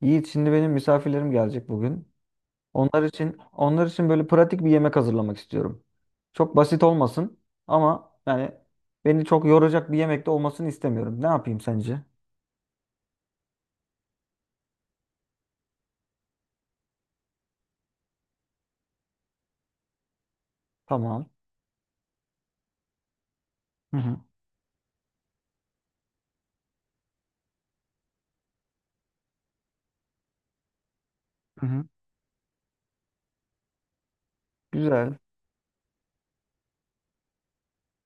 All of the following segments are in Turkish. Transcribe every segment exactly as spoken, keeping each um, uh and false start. Yiğit, şimdi benim misafirlerim gelecek bugün. Onlar için onlar için böyle pratik bir yemek hazırlamak istiyorum. Çok basit olmasın ama yani beni çok yoracak bir yemek de olmasını istemiyorum. Ne yapayım sence? Tamam. Hı hı. Hı hı. Güzel.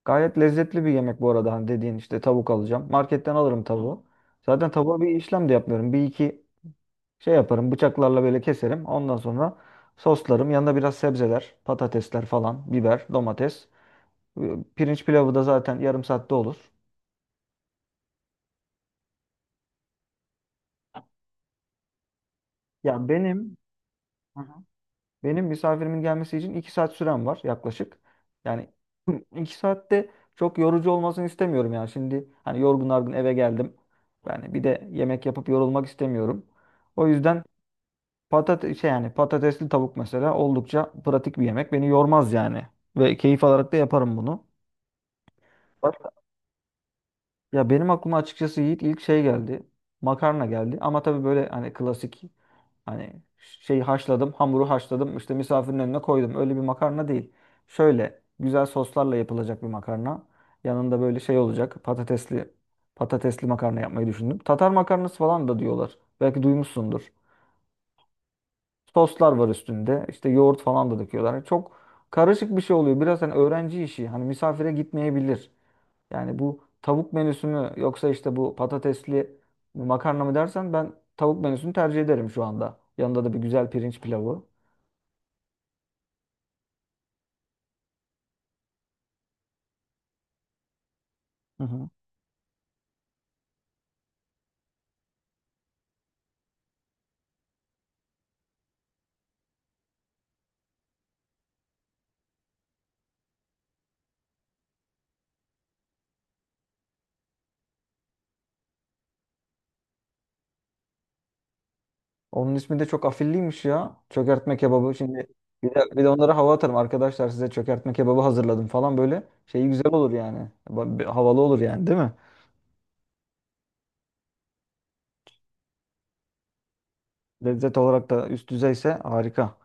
Gayet lezzetli bir yemek bu arada, hani dediğin işte, tavuk alacağım. Marketten alırım tavuğu. Zaten tavuğa bir işlem de yapmıyorum. Bir iki şey yaparım. Bıçaklarla böyle keserim. Ondan sonra soslarım. Yanında biraz sebzeler, patatesler falan, biber, domates. E, Pirinç pilavı da zaten yarım saatte olur. Ya benim Hı hı. Benim misafirimin gelmesi için iki saat sürem var yaklaşık. Yani iki saatte çok yorucu olmasını istemiyorum yani. Şimdi hani yorgun argın eve geldim. Yani bir de yemek yapıp yorulmak istemiyorum. O yüzden patates şey, yani patatesli tavuk mesela oldukça pratik bir yemek. Beni yormaz yani. Ve keyif alarak da yaparım bunu. Başka? Ya benim aklıma açıkçası Yiğit ilk şey geldi. Makarna geldi. Ama tabii böyle hani klasik, hani şeyi haşladım, hamuru haşladım, işte misafirin önüne koydum, öyle bir makarna değil. Şöyle güzel soslarla yapılacak bir makarna. Yanında böyle şey olacak. Patatesli patatesli makarna yapmayı düşündüm. Tatar makarnası falan da diyorlar. Belki duymuşsundur. Soslar var üstünde. İşte yoğurt falan da döküyorlar. Hani çok karışık bir şey oluyor. Biraz hani öğrenci işi. Hani misafire gitmeyebilir. Yani bu tavuk menüsü mü, yoksa işte bu patatesli makarna mı dersen, ben tavuk menüsünü tercih ederim şu anda. Yanında da bir güzel pirinç pilavı. Hı hı. Onun ismi de çok afilliymiş ya. Çökertme kebabı. Şimdi bir de, bir de onlara hava atarım. Arkadaşlar, size çökertme kebabı hazırladım falan böyle. Şeyi güzel olur yani. Ba- bir havalı olur yani, değil mi? Lezzet olarak da üst düzeyse harika.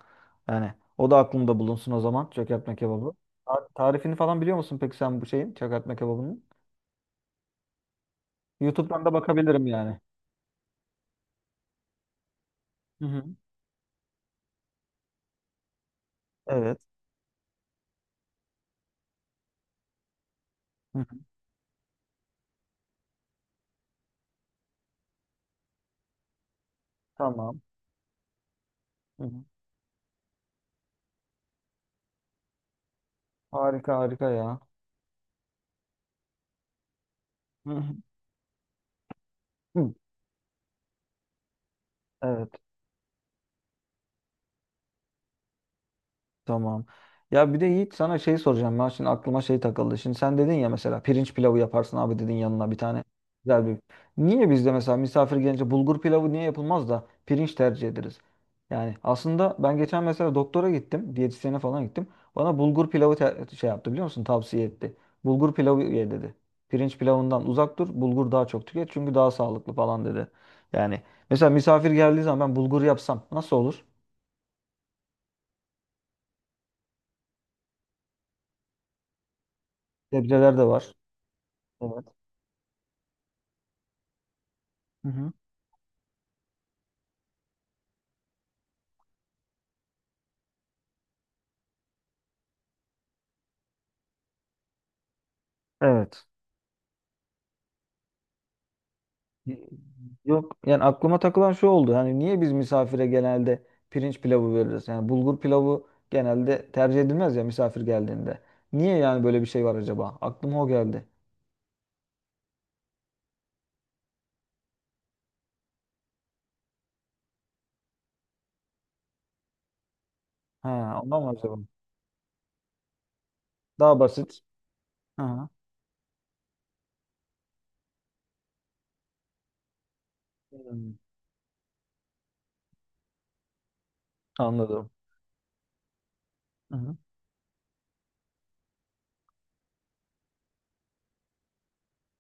Yani o da aklımda bulunsun o zaman, çökertme kebabı. Ta- Tarifini falan biliyor musun peki sen, bu şeyin, çökertme kebabının? YouTube'dan da bakabilirim yani. Hı hı. Evet. Hı hı. Tamam. Hı hı. Harika harika ya. Hı hı. Hı. Evet. Tamam. Ya bir de Yiğit, sana şey soracağım. Ben, şimdi aklıma şey takıldı. Şimdi sen dedin ya mesela, pirinç pilavı yaparsın abi dedin, yanına bir tane güzel bir. Niye bizde mesela misafir gelince bulgur pilavı niye yapılmaz da pirinç tercih ederiz? Yani aslında ben geçen mesela doktora gittim. Diyetisyene falan gittim. Bana bulgur pilavı te- şey yaptı, biliyor musun? Tavsiye etti. Bulgur pilavı ye dedi. Pirinç pilavından uzak dur. Bulgur daha çok tüket çünkü daha sağlıklı falan dedi. Yani mesela misafir geldiği zaman ben bulgur yapsam nasıl olur? Sebzeler de var. Evet. Evet. Y- Yok, yani aklıma takılan şu oldu. Hani niye biz misafire genelde pirinç pilavı veririz? Yani bulgur pilavı genelde tercih edilmez ya misafir geldiğinde. Niye yani böyle bir şey var acaba? Aklıma o geldi. Ha, ondan mı acaba? Daha basit. Aha. Hmm. Anladım. Hı-hı.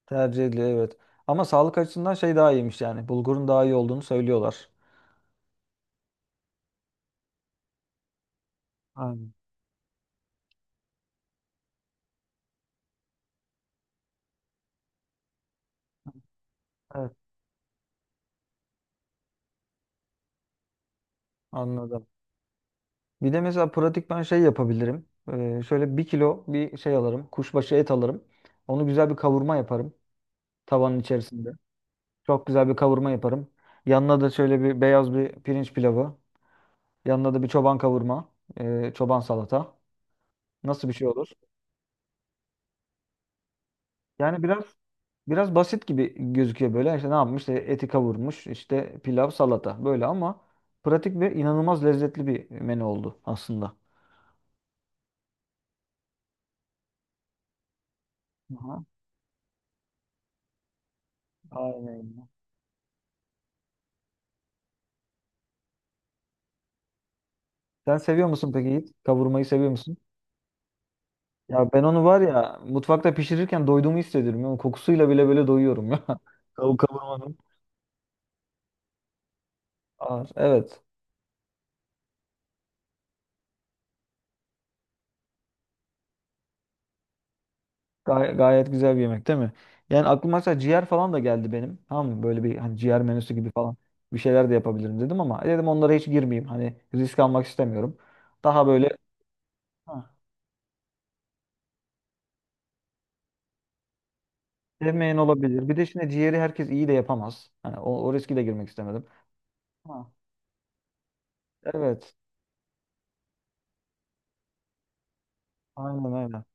Tercih ediliyor, evet. Ama sağlık açısından şey daha iyiymiş yani. Bulgurun daha iyi olduğunu söylüyorlar. Aynen. Evet, anladım. Bir de mesela pratik ben şey yapabilirim. Ee, şöyle bir kilo bir şey alırım. Kuşbaşı et alırım. Onu güzel bir kavurma yaparım tavanın içerisinde. Çok güzel bir kavurma yaparım. Yanına da şöyle bir beyaz bir pirinç pilavı. Yanına da bir çoban kavurma, e, çoban salata. Nasıl bir şey olur? Yani biraz biraz basit gibi gözüküyor böyle. İşte ne yapmış? İşte eti kavurmuş, işte pilav, salata, böyle, ama pratik ve inanılmaz lezzetli bir menü oldu aslında. Aha, aynen. Sen seviyor musun peki Yiğit? Kavurmayı seviyor musun? Ya ben onu var ya, mutfakta pişirirken doyduğumu hissediyorum. Yani kokusuyla bile böyle doyuyorum ya. Tavuk kavurmanın. Ağır. Evet. Gay- gayet güzel bir yemek, değil mi? Yani aklıma mesela ciğer falan da geldi benim. Tamam mı? Böyle bir hani ciğer menüsü gibi falan bir şeyler de yapabilirim dedim, ama dedim onlara hiç girmeyeyim. Hani risk almak istemiyorum. Daha böyle, ha, sevmeyen olabilir. Bir de şimdi ciğeri herkes iyi de yapamaz. Hani o, o riski de girmek istemedim. Ha, evet. Aynen aynen.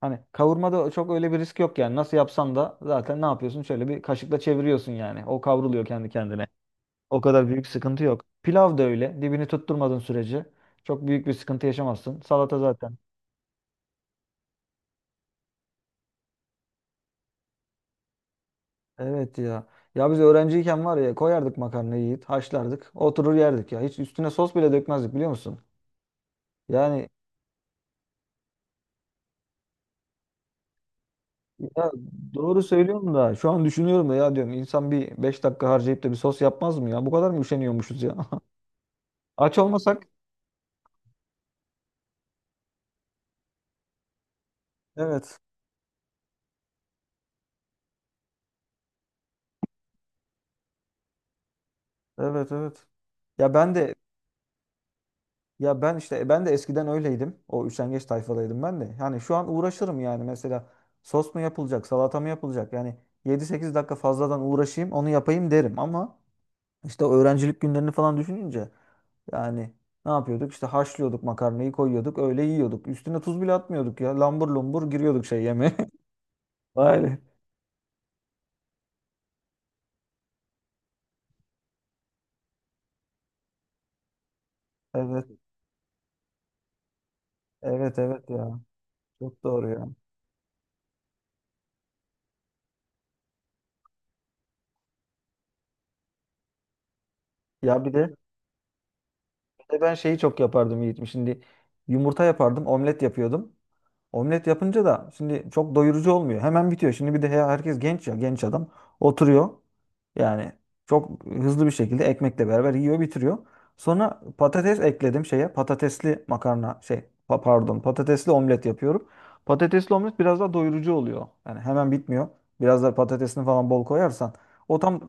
Hani kavurmada çok öyle bir risk yok yani. Nasıl yapsan da zaten, ne yapıyorsun? Şöyle bir kaşıkla çeviriyorsun yani. O kavruluyor kendi kendine. O kadar büyük sıkıntı yok. Pilav da öyle. Dibini tutturmadığın sürece çok büyük bir sıkıntı yaşamazsın. Salata zaten. Evet ya. Ya biz öğrenciyken var ya, koyardık makarnayı yiyip haşlardık. Oturur yerdik ya. Hiç üstüne sos bile dökmezdik, biliyor musun? Yani ya, doğru söylüyorum da, şu an düşünüyorum da, ya diyorum insan bir beş dakika harcayıp da bir sos yapmaz mı ya? Bu kadar mı üşeniyormuşuz ya? Aç olmasak. Evet. Evet evet. Ya ben de ya ben işte e, Ben de eskiden öyleydim. O üşengeç tayfadaydım ben de. Yani şu an uğraşırım yani, mesela sos mu yapılacak, salata mı yapılacak? Yani yedi sekiz dakika fazladan uğraşayım, onu yapayım derim, ama işte o öğrencilik günlerini falan düşününce, yani ne yapıyorduk? İşte haşlıyorduk makarnayı, koyuyorduk, öyle yiyorduk. Üstüne tuz bile atmıyorduk ya. Lambur lumbur giriyorduk şey yeme. Vay be. Evet. Evet evet ya. Çok doğru ya. Ya bir de Ve ben şeyi çok yapardım Yiğit'im. Şimdi yumurta yapardım, omlet yapıyordum. Omlet yapınca da şimdi çok doyurucu olmuyor. Hemen bitiyor. Şimdi bir de he- herkes genç ya, genç adam. Oturuyor. Yani çok hızlı bir şekilde ekmekle beraber yiyor, bitiriyor. Sonra patates ekledim şeye. Patatesli makarna şey, pa- pardon, patatesli omlet yapıyorum. Patatesli omlet biraz daha doyurucu oluyor. Yani hemen bitmiyor. Biraz da patatesini falan bol koyarsan o tam.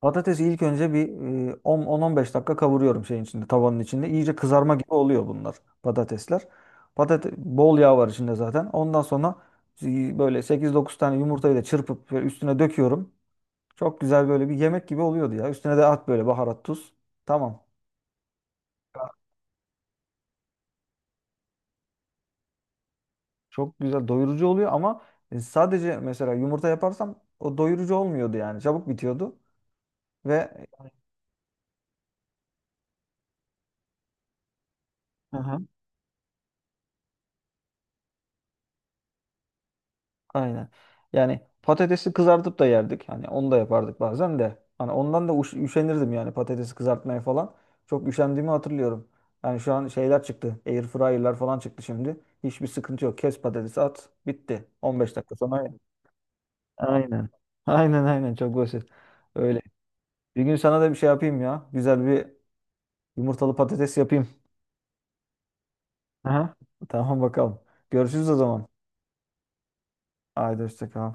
Patatesi ilk önce bir e, 10 10-15 dakika kavuruyorum şeyin içinde, tavanın içinde. İyice kızarma gibi oluyor bunlar, patatesler. Patate bol yağ var içinde zaten. Ondan sonra e, böyle sekiz dokuz tane yumurtayı da çırpıp böyle üstüne döküyorum. Çok güzel böyle bir yemek gibi oluyordu ya. Üstüne de at böyle baharat, tuz. Tamam. Ya, çok güzel doyurucu oluyor, ama e, sadece mesela yumurta yaparsam o doyurucu olmuyordu yani. Çabuk bitiyordu ve Hı hı. Aynen. Yani patatesi kızartıp da yerdik. Hani onu da yapardık bazen de. Hani ondan da uş- üşenirdim yani patatesi kızartmaya falan. Çok üşendiğimi hatırlıyorum. Yani şu an şeyler çıktı. Air fryer'lar falan çıktı şimdi. Hiçbir sıkıntı yok. Kes patatesi at. Bitti. On beş dakika sonra. Aynen. Aynen aynen, çok basit. Öyle. Bir gün sana da bir şey yapayım ya. Güzel bir yumurtalı patates yapayım. Aha. Tamam bakalım. Görüşürüz o zaman. Haydi hoşça kal.